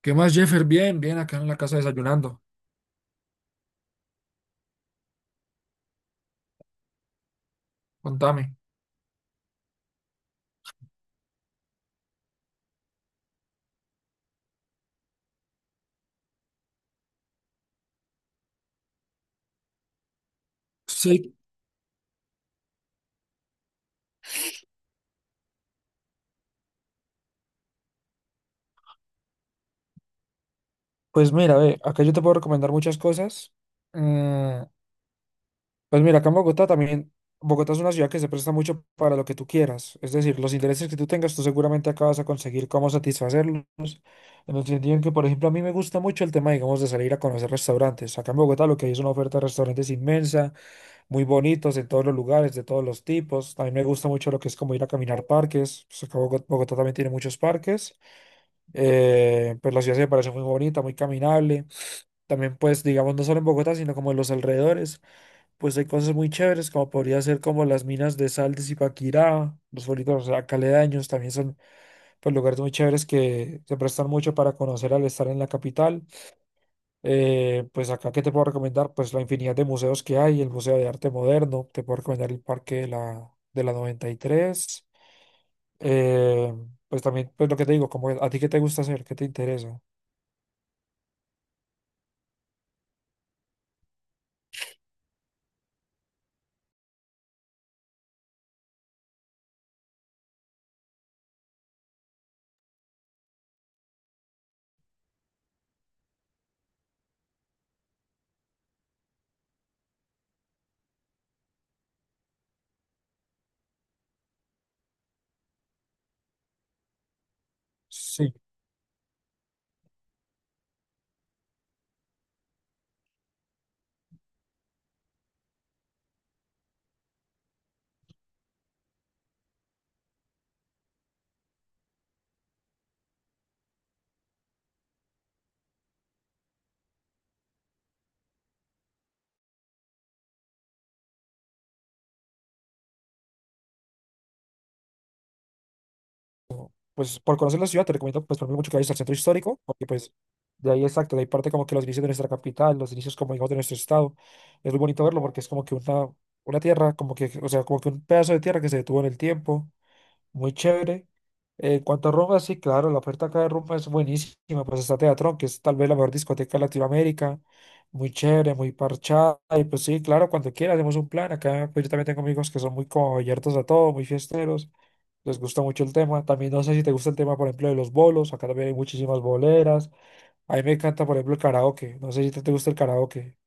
¿Qué más, Jeffer? Bien, bien, acá en la casa desayunando. Contame. Sí, pues mira, ve, acá yo te puedo recomendar muchas cosas. Mm, pues mira, acá en Bogotá también, Bogotá es una ciudad que se presta mucho para lo que tú quieras. Es decir, los intereses que tú tengas, tú seguramente acá vas a conseguir cómo satisfacerlos. En el sentido en que, por ejemplo, a mí me gusta mucho el tema, digamos, de salir a conocer restaurantes. Acá en Bogotá lo que hay es una oferta de restaurantes inmensa, muy bonitos en todos los lugares, de todos los tipos. También me gusta mucho lo que es como ir a caminar parques. Pues acá Bogotá también tiene muchos parques. Pues la ciudad se me parece muy bonita, muy caminable. También, pues, digamos, no solo en Bogotá, sino como en los alrededores, pues hay cosas muy chéveres, como podría ser como las minas de sal de Zipaquirá, los pueblitos caledaños, también son pues lugares muy chéveres que se prestan mucho para conocer al estar en la capital. Pues acá, ¿qué te puedo recomendar? Pues la infinidad de museos que hay, el Museo de Arte Moderno, te puedo recomendar el Parque de la 93. Eh, pues también, pues lo que te digo, como a ti qué te gusta hacer, qué te interesa. Sí, pues por conocer la ciudad te recomiendo pues por ejemplo, mucho que vayas al centro histórico, porque pues de ahí exacto, de ahí parte como que los inicios de nuestra capital, los inicios como digamos de nuestro estado, es muy bonito verlo porque es como que una tierra, como que, o sea, como que un pedazo de tierra que se detuvo en el tiempo muy chévere. En cuanto a rumba, sí, claro, la oferta acá de rumba es buenísima. Pues está Teatrón, que es tal vez la mejor discoteca de Latinoamérica. Muy chévere, muy parchada. Y pues sí, claro, cuando quiera hacemos un plan. Acá pues yo también tengo amigos que son muy como abiertos a todo, muy fiesteros. Les gusta mucho el tema. También no sé si te gusta el tema, por ejemplo, de los bolos. Acá también hay muchísimas boleras. A mí me encanta, por ejemplo, el karaoke. No sé si te gusta el karaoke.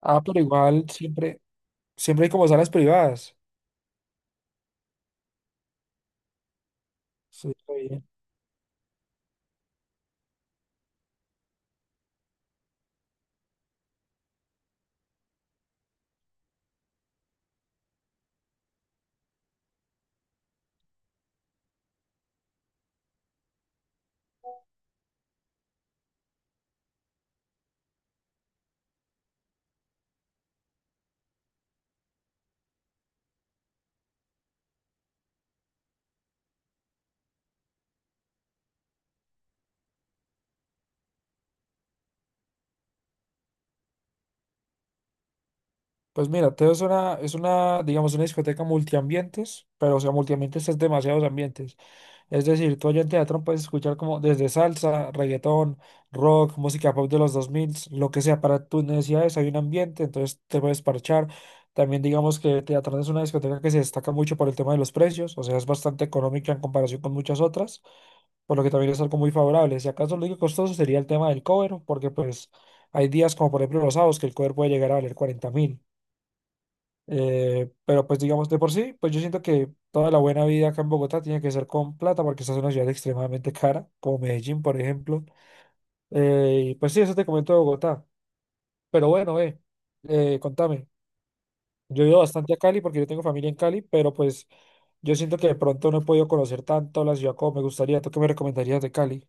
Ah, pero igual siempre, siempre hay como salas privadas. Sí, está bien. Pues mira, Teo es una, digamos, una discoteca multiambientes, pero o sea, multiambientes es demasiados ambientes. Es decir, tú allá en Teatrón puedes escuchar como desde salsa, reggaetón, rock, música pop de los 2000, lo que sea, para tus necesidades hay un ambiente, entonces te puedes parchar. También digamos que Teatrón es una discoteca que se destaca mucho por el tema de los precios, o sea, es bastante económica en comparación con muchas otras, por lo que también es algo muy favorable. Si acaso lo único costoso sería el tema del cover, porque pues hay días como por ejemplo los sábados que el cover puede llegar a valer 40.000. Pero pues digamos, de por sí, pues yo siento que toda la buena vida acá en Bogotá tiene que ser con plata porque esta es una ciudad extremadamente cara, como Medellín, por ejemplo. Y pues sí, eso te comento de Bogotá. Pero bueno, contame. Yo he ido bastante a Cali porque yo tengo familia en Cali, pero pues yo siento que de pronto no he podido conocer tanto la ciudad como me gustaría. ¿Tú qué me recomendarías de Cali?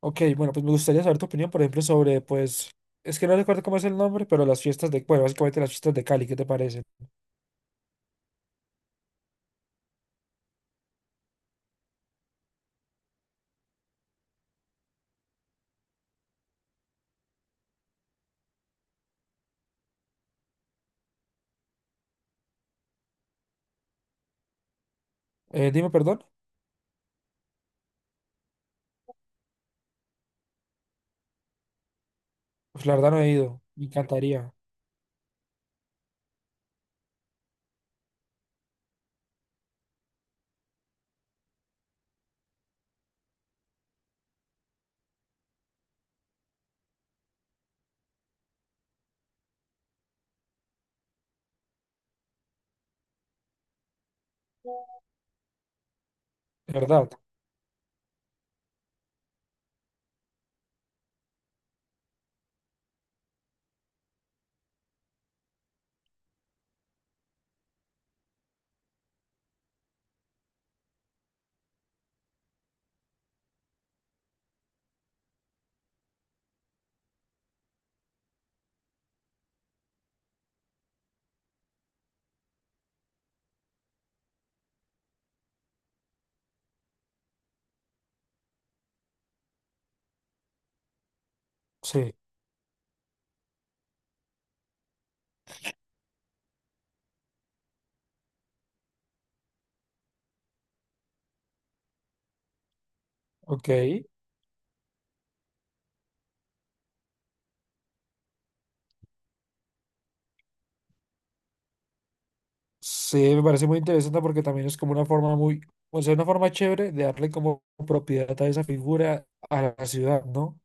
Ok, bueno, pues me gustaría saber tu opinión, por ejemplo, sobre pues. Es que no recuerdo cómo es el nombre, pero las fiestas de. Bueno, básicamente las fiestas de Cali, ¿qué te parecen? Dime, perdón. Pues la verdad no he ido, me encantaría, de verdad. Sí, ok. Sí, me parece muy interesante porque también es como una forma muy, o sea, una forma chévere de darle como propiedad a esa figura a la ciudad, ¿no?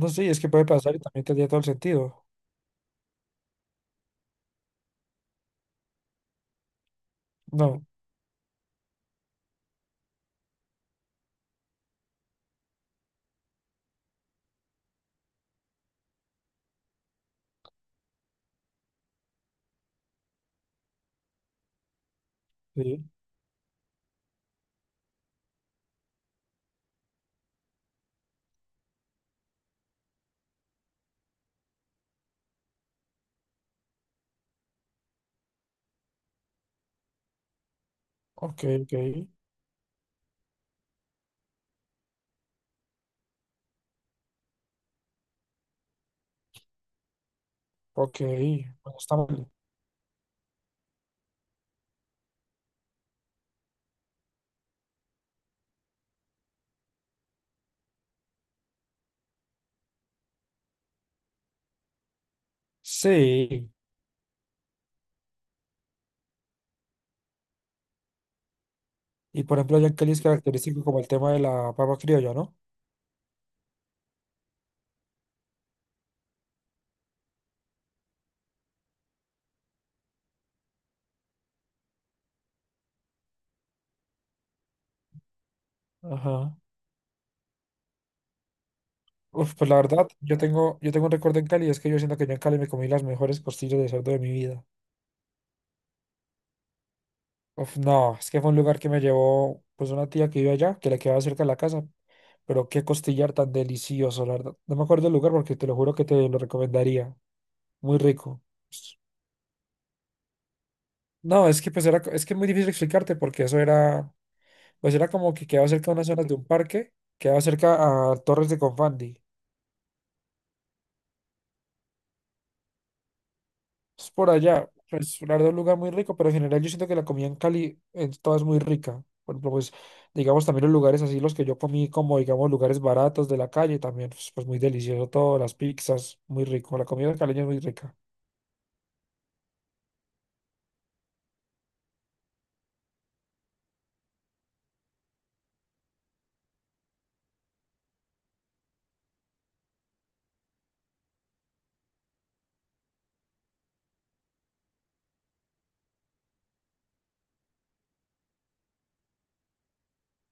No sé, es que puede pasar y también tendría todo el sentido. No, sí, ok, ok, ok, bueno, está mal. Sí, y por ejemplo, ya en Cali es característico como el tema de la papa criolla, ¿no? Ajá. Uf, pues la verdad, yo tengo un recuerdo en Cali, es que yo siento que yo en Cali me comí las mejores costillas de cerdo de mi vida. Uf, no, es que fue un lugar que me llevó pues una tía que vive allá, que le quedaba cerca de la casa, pero qué costillar tan delicioso, la verdad. No me acuerdo el lugar porque te lo juro que te lo recomendaría. Muy rico. No, es que pues era, es que es muy difícil explicarte porque eso era, pues era como que quedaba cerca de unas zonas de un parque, quedaba cerca a Torres de Confandi. Es por allá. Pues la verdad, un lugar muy rico, pero en general yo siento que la comida en Cali es toda es muy rica. Por ejemplo, pues digamos también los lugares así, los que yo comí como digamos lugares baratos de la calle, también pues, pues, muy delicioso todo, las pizzas, muy rico. La comida caleña es muy rica.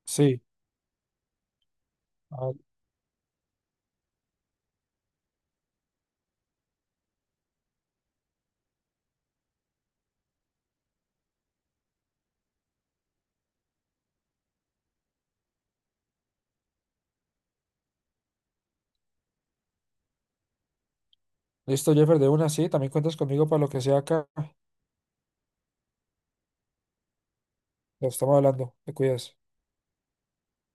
Sí. Ah, listo, Jeffer, de una, sí, también cuentas conmigo para lo que sea acá. Lo estamos hablando, te cuidas.